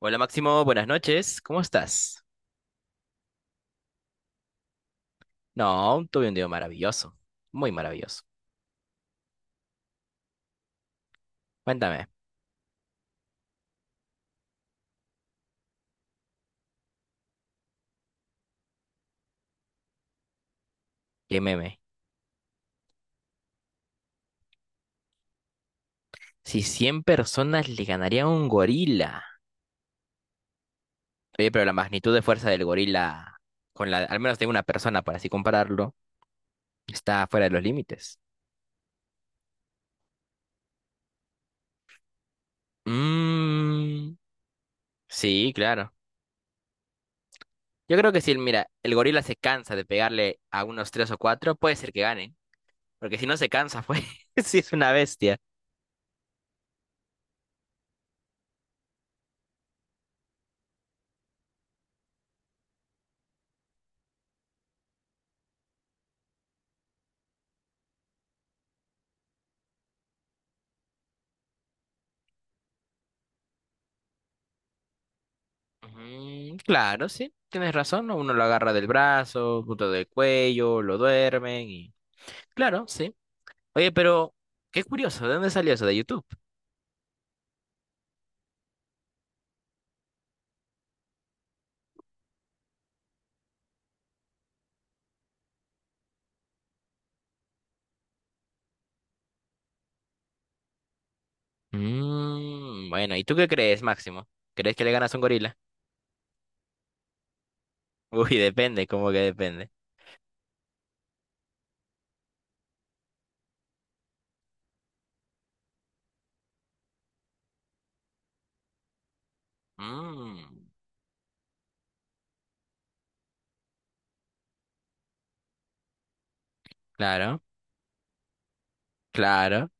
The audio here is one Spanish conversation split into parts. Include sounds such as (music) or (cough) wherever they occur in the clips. Hola Máximo, buenas noches, ¿cómo estás? No, tuve un día maravilloso, muy maravilloso. Cuéntame, qué meme. Si 100 personas le ganarían a un gorila. Oye, pero la magnitud de fuerza del gorila, con la, al menos de una persona, para así compararlo, está fuera de los límites. Mmm, sí, claro. Yo creo que si, mira, el gorila se cansa de pegarle a unos 3 o 4, puede ser que gane, porque si no se cansa, pues, (laughs) si es una bestia. Mm, claro, sí, tienes razón, ¿no? Uno lo agarra del brazo, punto del cuello, lo duermen y... Claro, sí. Oye, pero qué curioso, ¿de dónde salió eso? ¿De YouTube? Mm, bueno, ¿y tú qué crees, Máximo? ¿Crees que le ganas a un gorila? (laughs) Uy, depende, ¿cómo que depende? Mm, claro, claro.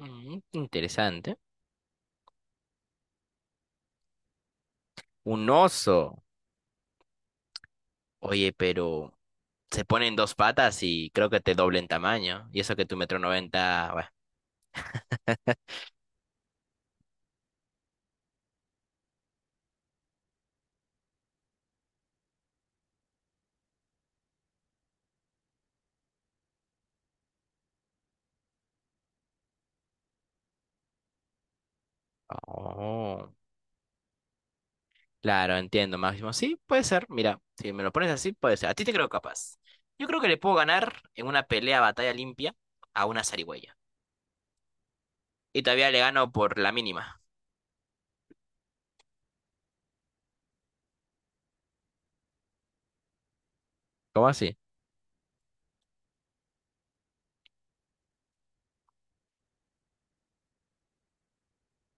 Mm, interesante. Un oso. Oye, pero se ponen dos patas y creo que te doble en tamaño. Y eso que tu metro noventa, bueno. Oh. Claro, entiendo, Máximo. Sí, puede ser. Mira, si me lo pones así, puede ser. A ti te creo capaz. Yo creo que le puedo ganar en una pelea batalla limpia a una zarigüeya. Y todavía le gano por la mínima. ¿Cómo así?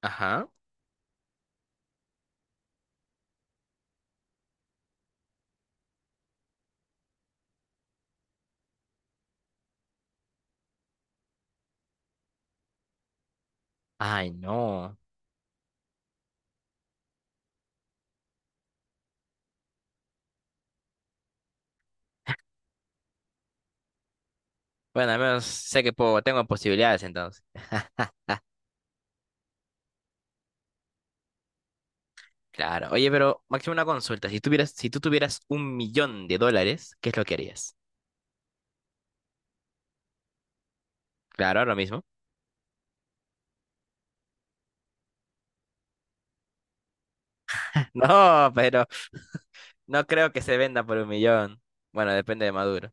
Ajá. Ay, no. Bueno, al menos sé que puedo, tengo posibilidades entonces. Claro. Oye, pero Máximo, una consulta. Si tú tuvieras $1 millón, ¿qué es lo que harías? Claro, lo mismo. (laughs) No, pero no creo que se venda por 1 millón. Bueno, depende de Maduro.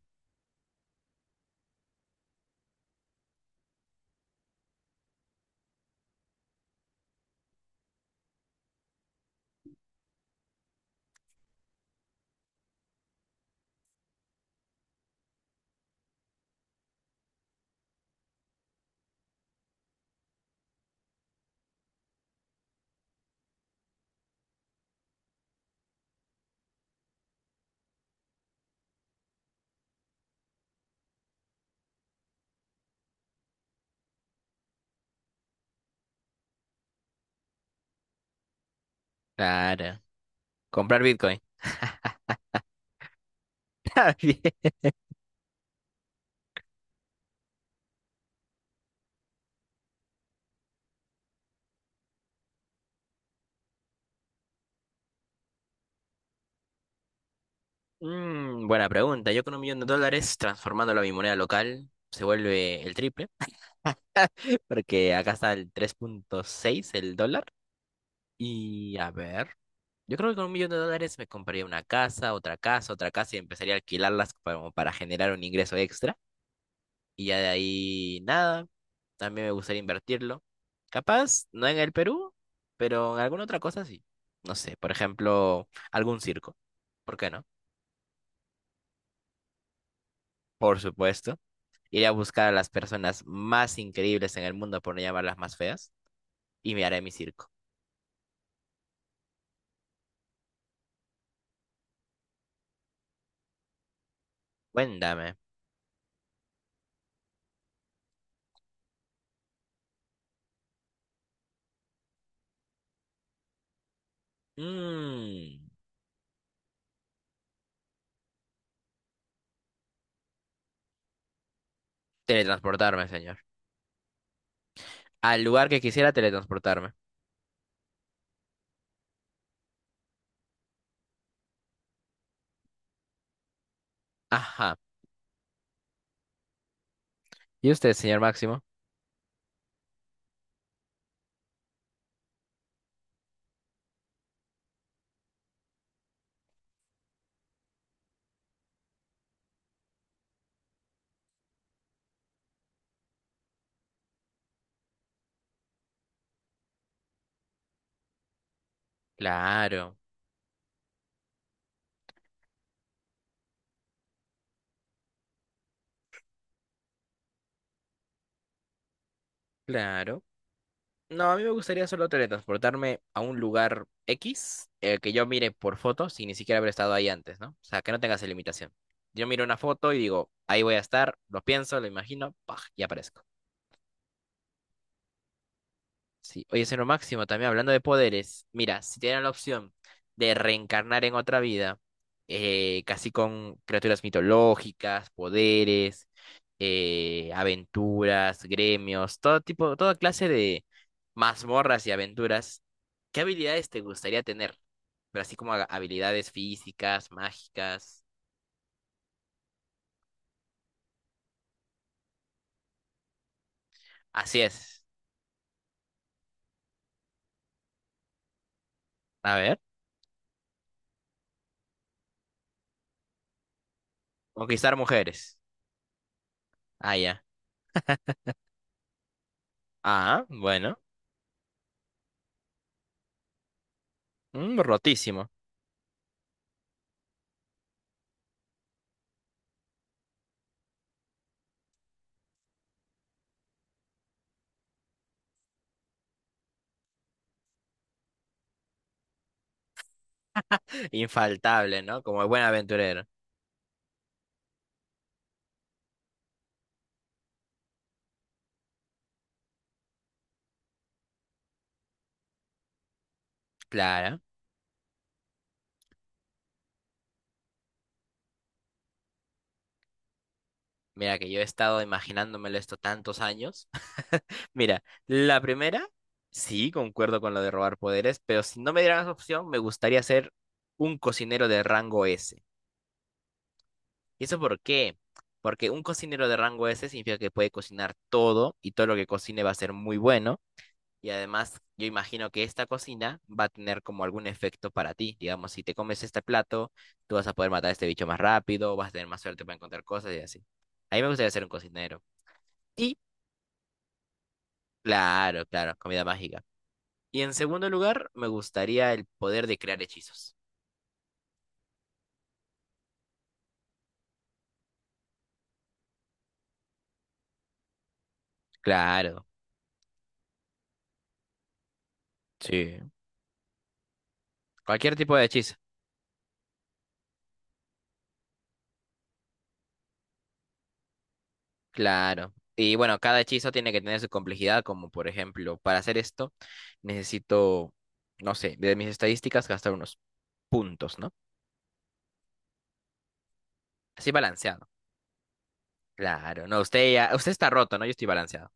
Claro. Comprar Bitcoin. (laughs) Está bien. Mm, buena pregunta. Yo con $1 millón, transformándolo a mi moneda local, se vuelve el triple, porque acá está el 3.6 el dólar. Y a ver, yo creo que con $1 millón me compraría una casa, otra casa, otra casa y empezaría a alquilarlas como para generar un ingreso extra. Y ya de ahí, nada, también me gustaría invertirlo. Capaz, no en el Perú, pero en alguna otra cosa sí. No sé, por ejemplo, algún circo. ¿Por qué no? Por supuesto. Iré a buscar a las personas más increíbles en el mundo, por no llamarlas más feas, y me haré mi circo. Cuéntame. Mm, teletransportarme, señor. Al lugar que quisiera teletransportarme. Ajá. ¿Y usted, señor Máximo? Claro, claro. No, a mí me gustaría solo teletransportarme a un lugar X, que yo mire por foto sin ni siquiera haber estado ahí antes, ¿no? O sea, que no tenga esa limitación. Yo miro una foto y digo, ahí voy a estar, lo pienso, lo imagino, ¡paj! Y aparezco. Sí. Oye, señor Máximo, también hablando de poderes, mira, si tienen la opción de reencarnar en otra vida, casi con criaturas mitológicas, poderes, aventuras, gremios, todo tipo, toda clase de mazmorras y aventuras, ¿qué habilidades te gustaría tener? Pero así como habilidades físicas, mágicas. Así es. A ver, conquistar mujeres. Ah, ya. Ah, bueno. Mm, rotísimo. Infaltable, ¿no? Como buen aventurero. Claro. Mira que yo he estado imaginándomelo esto tantos años. (laughs) Mira, la primera, sí, concuerdo con lo de robar poderes, pero si no me dieran esa opción, me gustaría ser un cocinero de rango S. ¿Y eso por qué? Porque un cocinero de rango S significa que puede cocinar todo y todo lo que cocine va a ser muy bueno. Y además, yo imagino que esta cocina va a tener como algún efecto para ti. Digamos, si te comes este plato, tú vas a poder matar a este bicho más rápido, vas a tener más suerte para encontrar cosas y así. A mí me gustaría ser un cocinero. Y, claro, claro, comida mágica. Y en segundo lugar, me gustaría el poder de crear hechizos. Claro, sí. Cualquier tipo de hechizo. Claro. Y bueno, cada hechizo tiene que tener su complejidad, como por ejemplo, para hacer esto, necesito, no sé, de mis estadísticas gastar unos puntos, ¿no? Así balanceado. Claro, no, usted ya, usted está roto, ¿no? Yo estoy balanceado.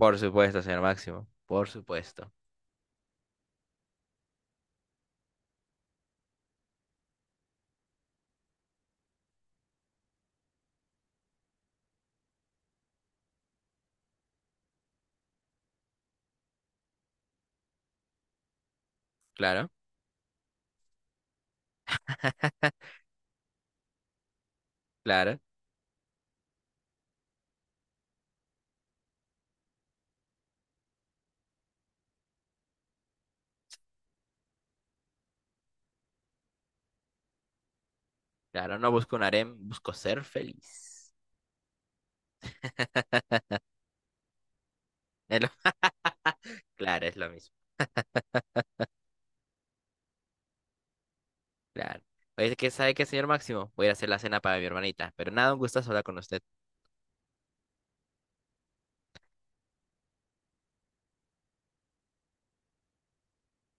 Por supuesto, señor Máximo, por supuesto. Claro, claro, claro, no busco un harem, busco ser feliz. Es lo- (laughs) Claro, es lo mismo, claro. Oye, ¿qué sabe qué, señor Máximo? Voy a ir a hacer la cena para mi hermanita, pero nada, un gustazo hablar con usted.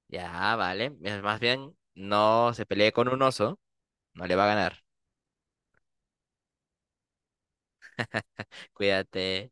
Ya, vale, es más bien, no se pelee con un oso, no le va a ganar. (laughs) Cuídate.